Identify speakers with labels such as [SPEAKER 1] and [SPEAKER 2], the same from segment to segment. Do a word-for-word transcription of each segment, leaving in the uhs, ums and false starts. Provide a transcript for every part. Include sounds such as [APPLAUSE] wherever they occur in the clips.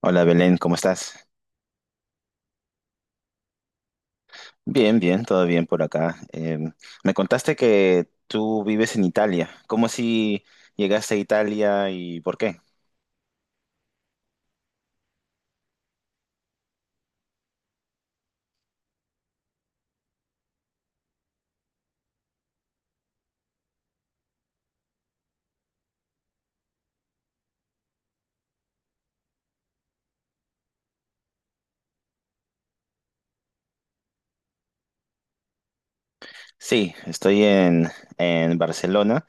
[SPEAKER 1] Hola Belén, ¿cómo estás? Bien, bien, todo bien por acá. Em, me contaste que tú vives en Italia. ¿Cómo si llegaste a Italia y por qué? Sí, estoy en, en Barcelona.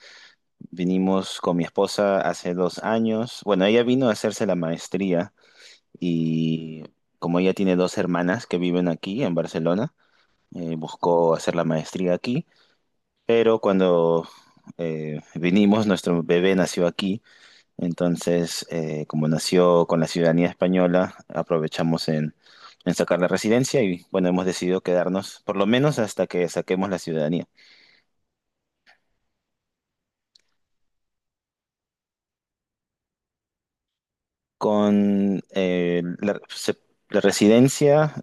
[SPEAKER 1] Vinimos con mi esposa hace dos años. Bueno, ella vino a hacerse la maestría y como ella tiene dos hermanas que viven aquí en Barcelona, eh, buscó hacer la maestría aquí. Pero cuando eh, vinimos, nuestro bebé nació aquí. Entonces, eh, como nació con la ciudadanía española, aprovechamos en, en sacar la residencia y bueno, hemos decidido quedarnos por lo menos hasta que saquemos la ciudadanía. Con eh, la, se- la residencia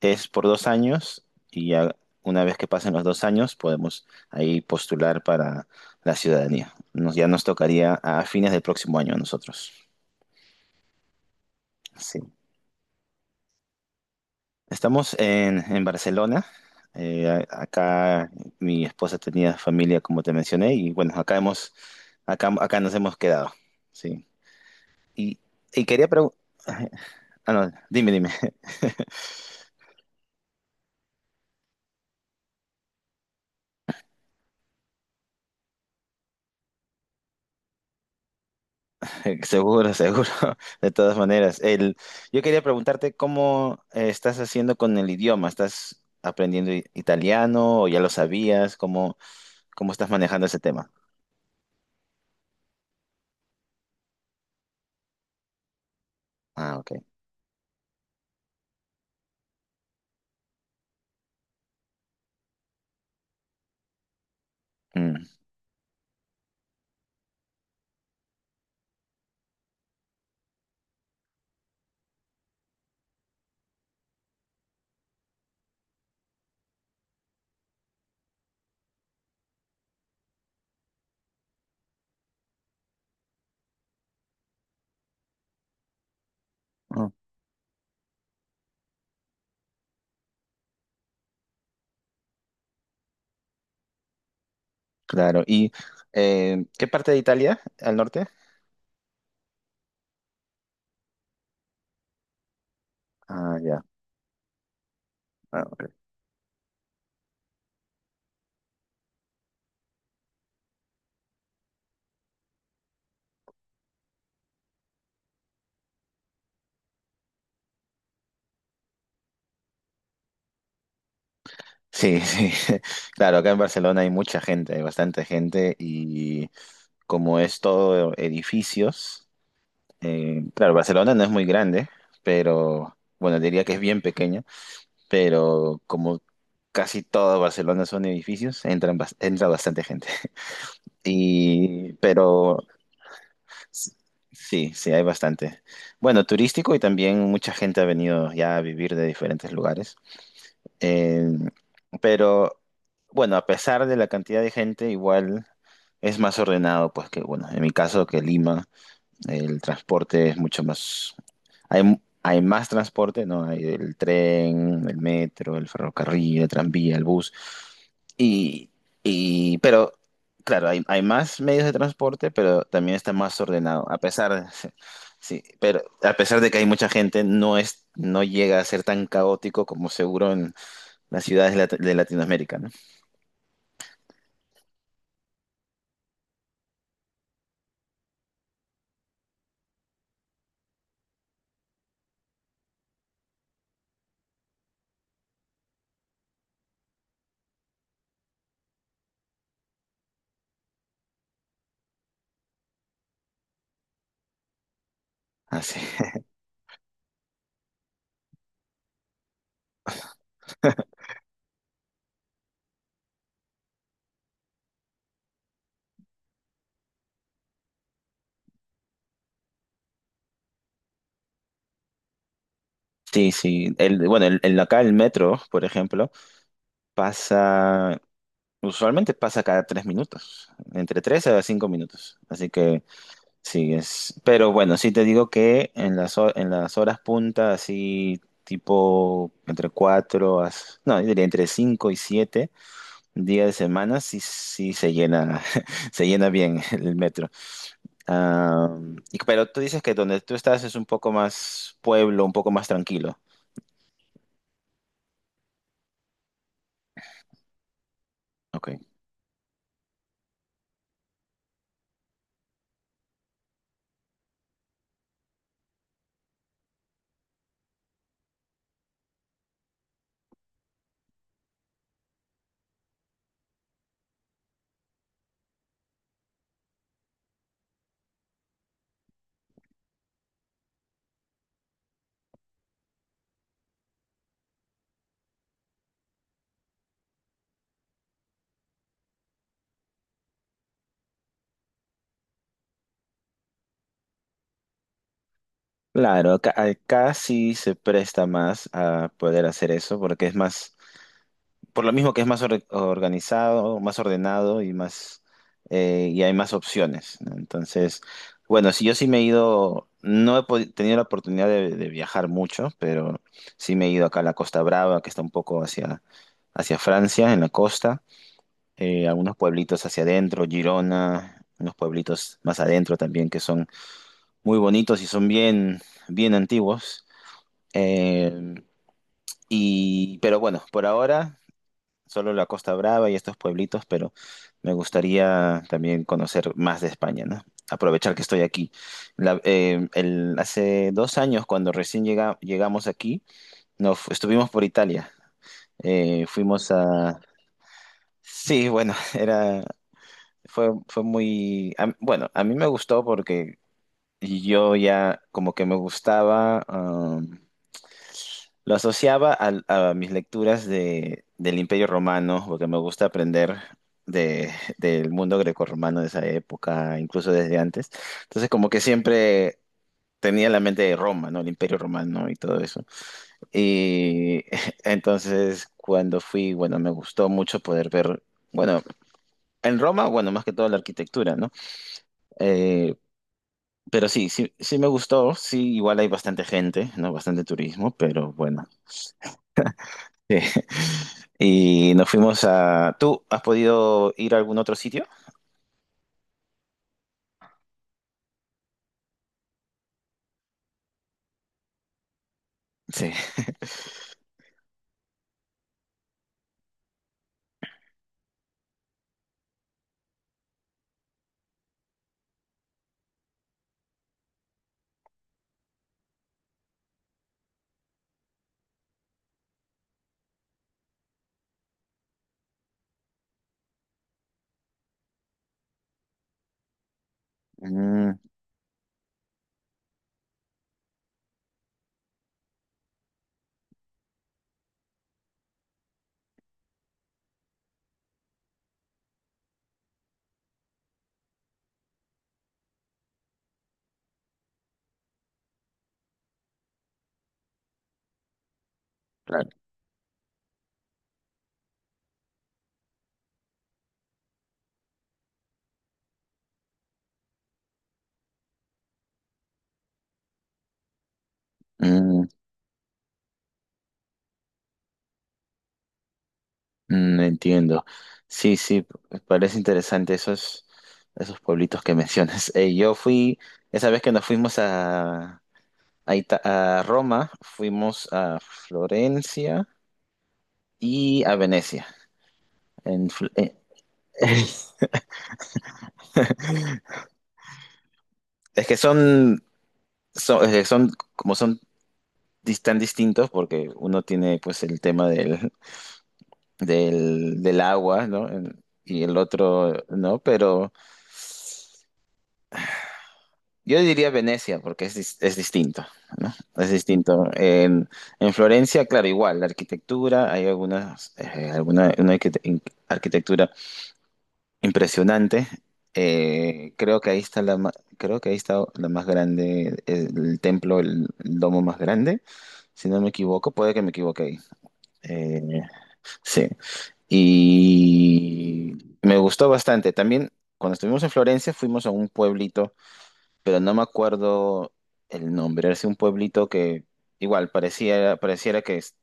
[SPEAKER 1] es por dos años y ya una vez que pasen los dos años podemos ahí postular para la ciudadanía. Nos, ya nos tocaría a fines del próximo año a nosotros. Sí. Estamos en, en Barcelona. Eh, a- acá mi esposa tenía familia, como te mencioné, y bueno, acá hemos, acá, acá nos hemos quedado. Sí. Y, y quería preguntar. [LAUGHS] Ah, no, dime, dime. [LAUGHS] Seguro, seguro. De todas maneras, el, yo quería preguntarte cómo eh, estás haciendo con el idioma. ¿Estás aprendiendo i- italiano o ya lo sabías? ¿Cómo, cómo estás manejando ese tema? Ah, ok. Mm. Claro. ¿Y eh, qué parte de Italia? ¿Al norte? Ah, ya. Ah, ok. Sí, sí. [LAUGHS] Claro, acá en Barcelona hay mucha gente, hay bastante gente y como es todo edificios, eh, claro, Barcelona no es muy grande, pero bueno, diría que es bien pequeña, pero como casi todo Barcelona son edificios, entran, bas- entra bastante gente. [LAUGHS] Y, pero. Sí, sí, hay bastante. Bueno, turístico y también mucha gente ha venido ya a vivir de diferentes lugares. Eh, pero bueno, a pesar de la cantidad de gente, igual es más ordenado, pues que, bueno, en mi caso que Lima. El transporte es mucho más... Hay, mu- hay más transporte, ¿no? Hay el tren, el metro, el ferrocarril, el tranvía, el bus. Y, y- pero, claro, hay, hay más medios de transporte, pero también está más ordenado. A pesar, [LAUGHS] sí, pero a pesar de que hay mucha gente, no es, no llega a ser tan caótico como seguro en las ciudades de, Lat- de Latinoamérica, ¿no? Así. [LAUGHS] Sí, sí. El, bueno, el, el- acá el metro, por ejemplo, pasa. Usualmente pasa cada tres minutos, entre tres a cinco minutos. Así que sí, es. Pero bueno, sí te digo que en las, ho- en las horas punta, así tipo entre cuatro a. No, yo diría entre cinco y siete días de semana, sí, sí se llena, [LAUGHS] se llena bien el metro. Ah, y- pero tú dices que donde tú estás es un poco más pueblo, un poco más tranquilo. Ok. Claro, acá, acá sí se presta más a poder hacer eso porque es más. Por lo mismo que es más or- organizado, más ordenado y más, eh, y hay más opciones, ¿no? Entonces, bueno, si yo sí me he ido, no he podi- tenido la oportunidad de, de viajar mucho, pero sí me he ido acá a la Costa Brava, que está un poco hacia, hacia Francia, en la costa, eh, algunos pueblitos hacia adentro, Girona, unos pueblitos más adentro también que son muy bonitos y son bien, bien antiguos. Eh, y, pero bueno, por ahora solo la Costa Brava y estos pueblitos, pero me gustaría también conocer más de España, ¿no? Aprovechar que estoy aquí. La- eh, el- hace dos años, cuando recién llega- llegamos aquí, nos fu- estuvimos por Italia. Eh, fuimos a... Sí, bueno, [LAUGHS] era... Fue, fue muy... a- Bueno, a mí me gustó porque yo ya como que me gustaba... Lo asociaba al- a, mis lecturas de, del Imperio Romano, porque me gusta aprender de, del mundo grecorromano de esa época, incluso desde antes. Entonces, como que siempre tenía la mente de Roma, ¿no? El Imperio Romano y todo eso. Y [LAUGHS] entonces, cuando fui, bueno, me gustó mucho poder ver, bueno, en Roma, bueno, más que todo la arquitectura, ¿no? Eh, pero sí, sí, sí me gustó, sí, igual hay bastante gente, ¿no? Bastante turismo, pero bueno. [LAUGHS] Y nos fuimos a... ¿Tú has podido ir a algún otro sitio? Sí. Mm, claro. Mm, mm, entiendo. Sí, sí, p- parece interesante esos, esos pueblitos que [LAUGHS] mencionas. Eh, yo fui, esa vez que nos fuimos a, a, Ita- a Roma, fuimos a Florencia y a Venecia. En Fl- eh, [LAUGHS] es que son, son, es son como son dis- tan distintos porque uno tiene pues el tema del, del, del agua, ¿no? En... Y el otro, ¿no? Pero yo diría Venecia, porque es, dis- es distinto, ¿no? Es distinto. En, en Florencia, claro, igual, la arquitectura, hay algunas, eh, alguna una arquite- in- arquitectura impresionante. Eh, creo que ahí está la, ma- creo que ahí está la más grande, el, el templo, el, el domo más grande, si no me equivoco, puede que me equivoque ahí. Eh, sí. Y me gustó bastante. También cuando estuvimos en Florencia fuimos a un pueblito, pero no me acuerdo el nombre. Era un pueblito que igual parecía, pareciera que es-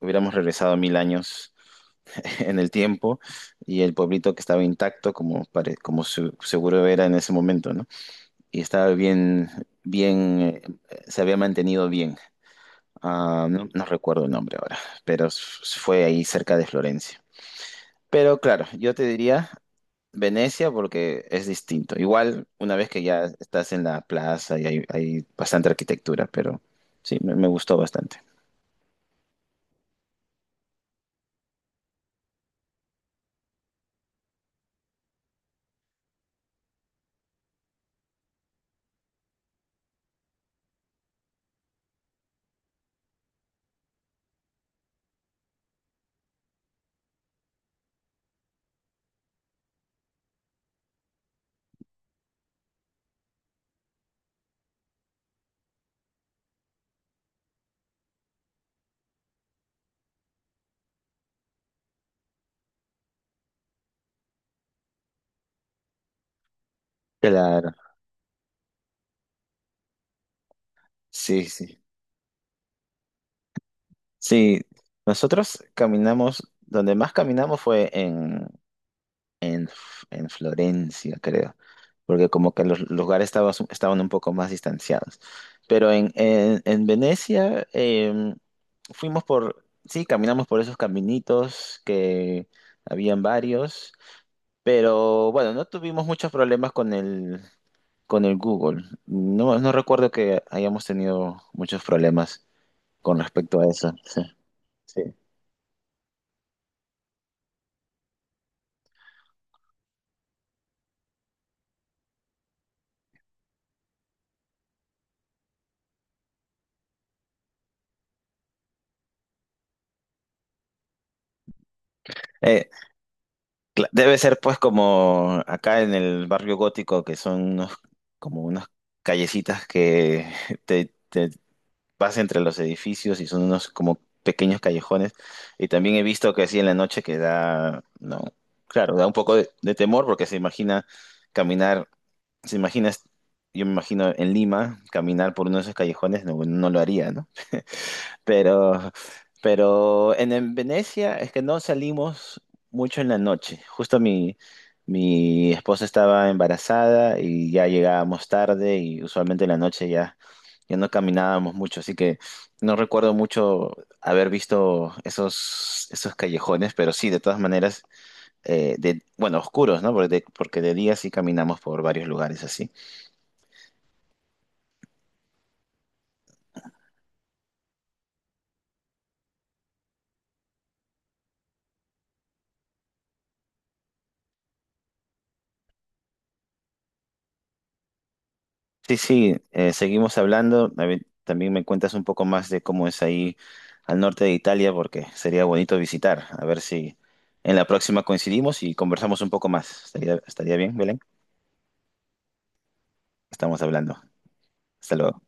[SPEAKER 1] hubiéramos regresado mil años [LAUGHS] en el tiempo y el pueblito que estaba intacto como, pare- como su- seguro era en ese momento, ¿no? Y estaba bien, bien, eh, se había mantenido bien. Ah, no, no recuerdo el nombre ahora, pero s- fue ahí cerca de Florencia. Pero claro, yo te diría Venecia porque es distinto. Igual una vez que ya estás en la plaza y hay, hay bastante arquitectura, pero sí, me, me gustó bastante. Claro, sí, sí. Sí, nosotros caminamos, donde más caminamos fue en, F- en Florencia, creo, porque como que los lugares estaban, estaban un poco más distanciados. Pero en, en, en Venecia, em, fuimos por, sí, caminamos por esos caminitos que habían varios, pero bueno, no tuvimos muchos problemas con el, con el Google. No, no recuerdo que hayamos tenido muchos problemas con respecto a eso. [LAUGHS] Sí. Sí. Eh, Cla- Debe ser pues como acá en el barrio gótico, que son unos, como unas callecitas que [LAUGHS] te, te vas entre los edificios y son unos como pequeños callejones. Y también he visto que así en la noche que da, no, claro, da un poco de, de temor porque se imagina caminar, se imagina, yo me imagino en Lima, caminar por uno de esos callejones, no, no lo haría, ¿no? Pero, pero en, en Venecia es que no salimos mucho en la noche. Justo mi, mi esposa estaba embarazada y ya llegábamos tarde y usualmente en la noche ya, ya no caminábamos mucho. Así que no recuerdo mucho haber visto esos, esos callejones, pero sí, de todas maneras, eh, de, bueno, oscuros, ¿no? Porque de, porque de día sí caminamos por varios lugares así. Sí, sí, eh, seguimos hablando. A ver, también me cuentas un poco más de cómo es ahí al norte de Italia, porque sería bonito visitar. A ver si en la próxima coincidimos y conversamos un poco más. ¿Estaría, estaría bien, Belén? Estamos hablando. Hasta luego.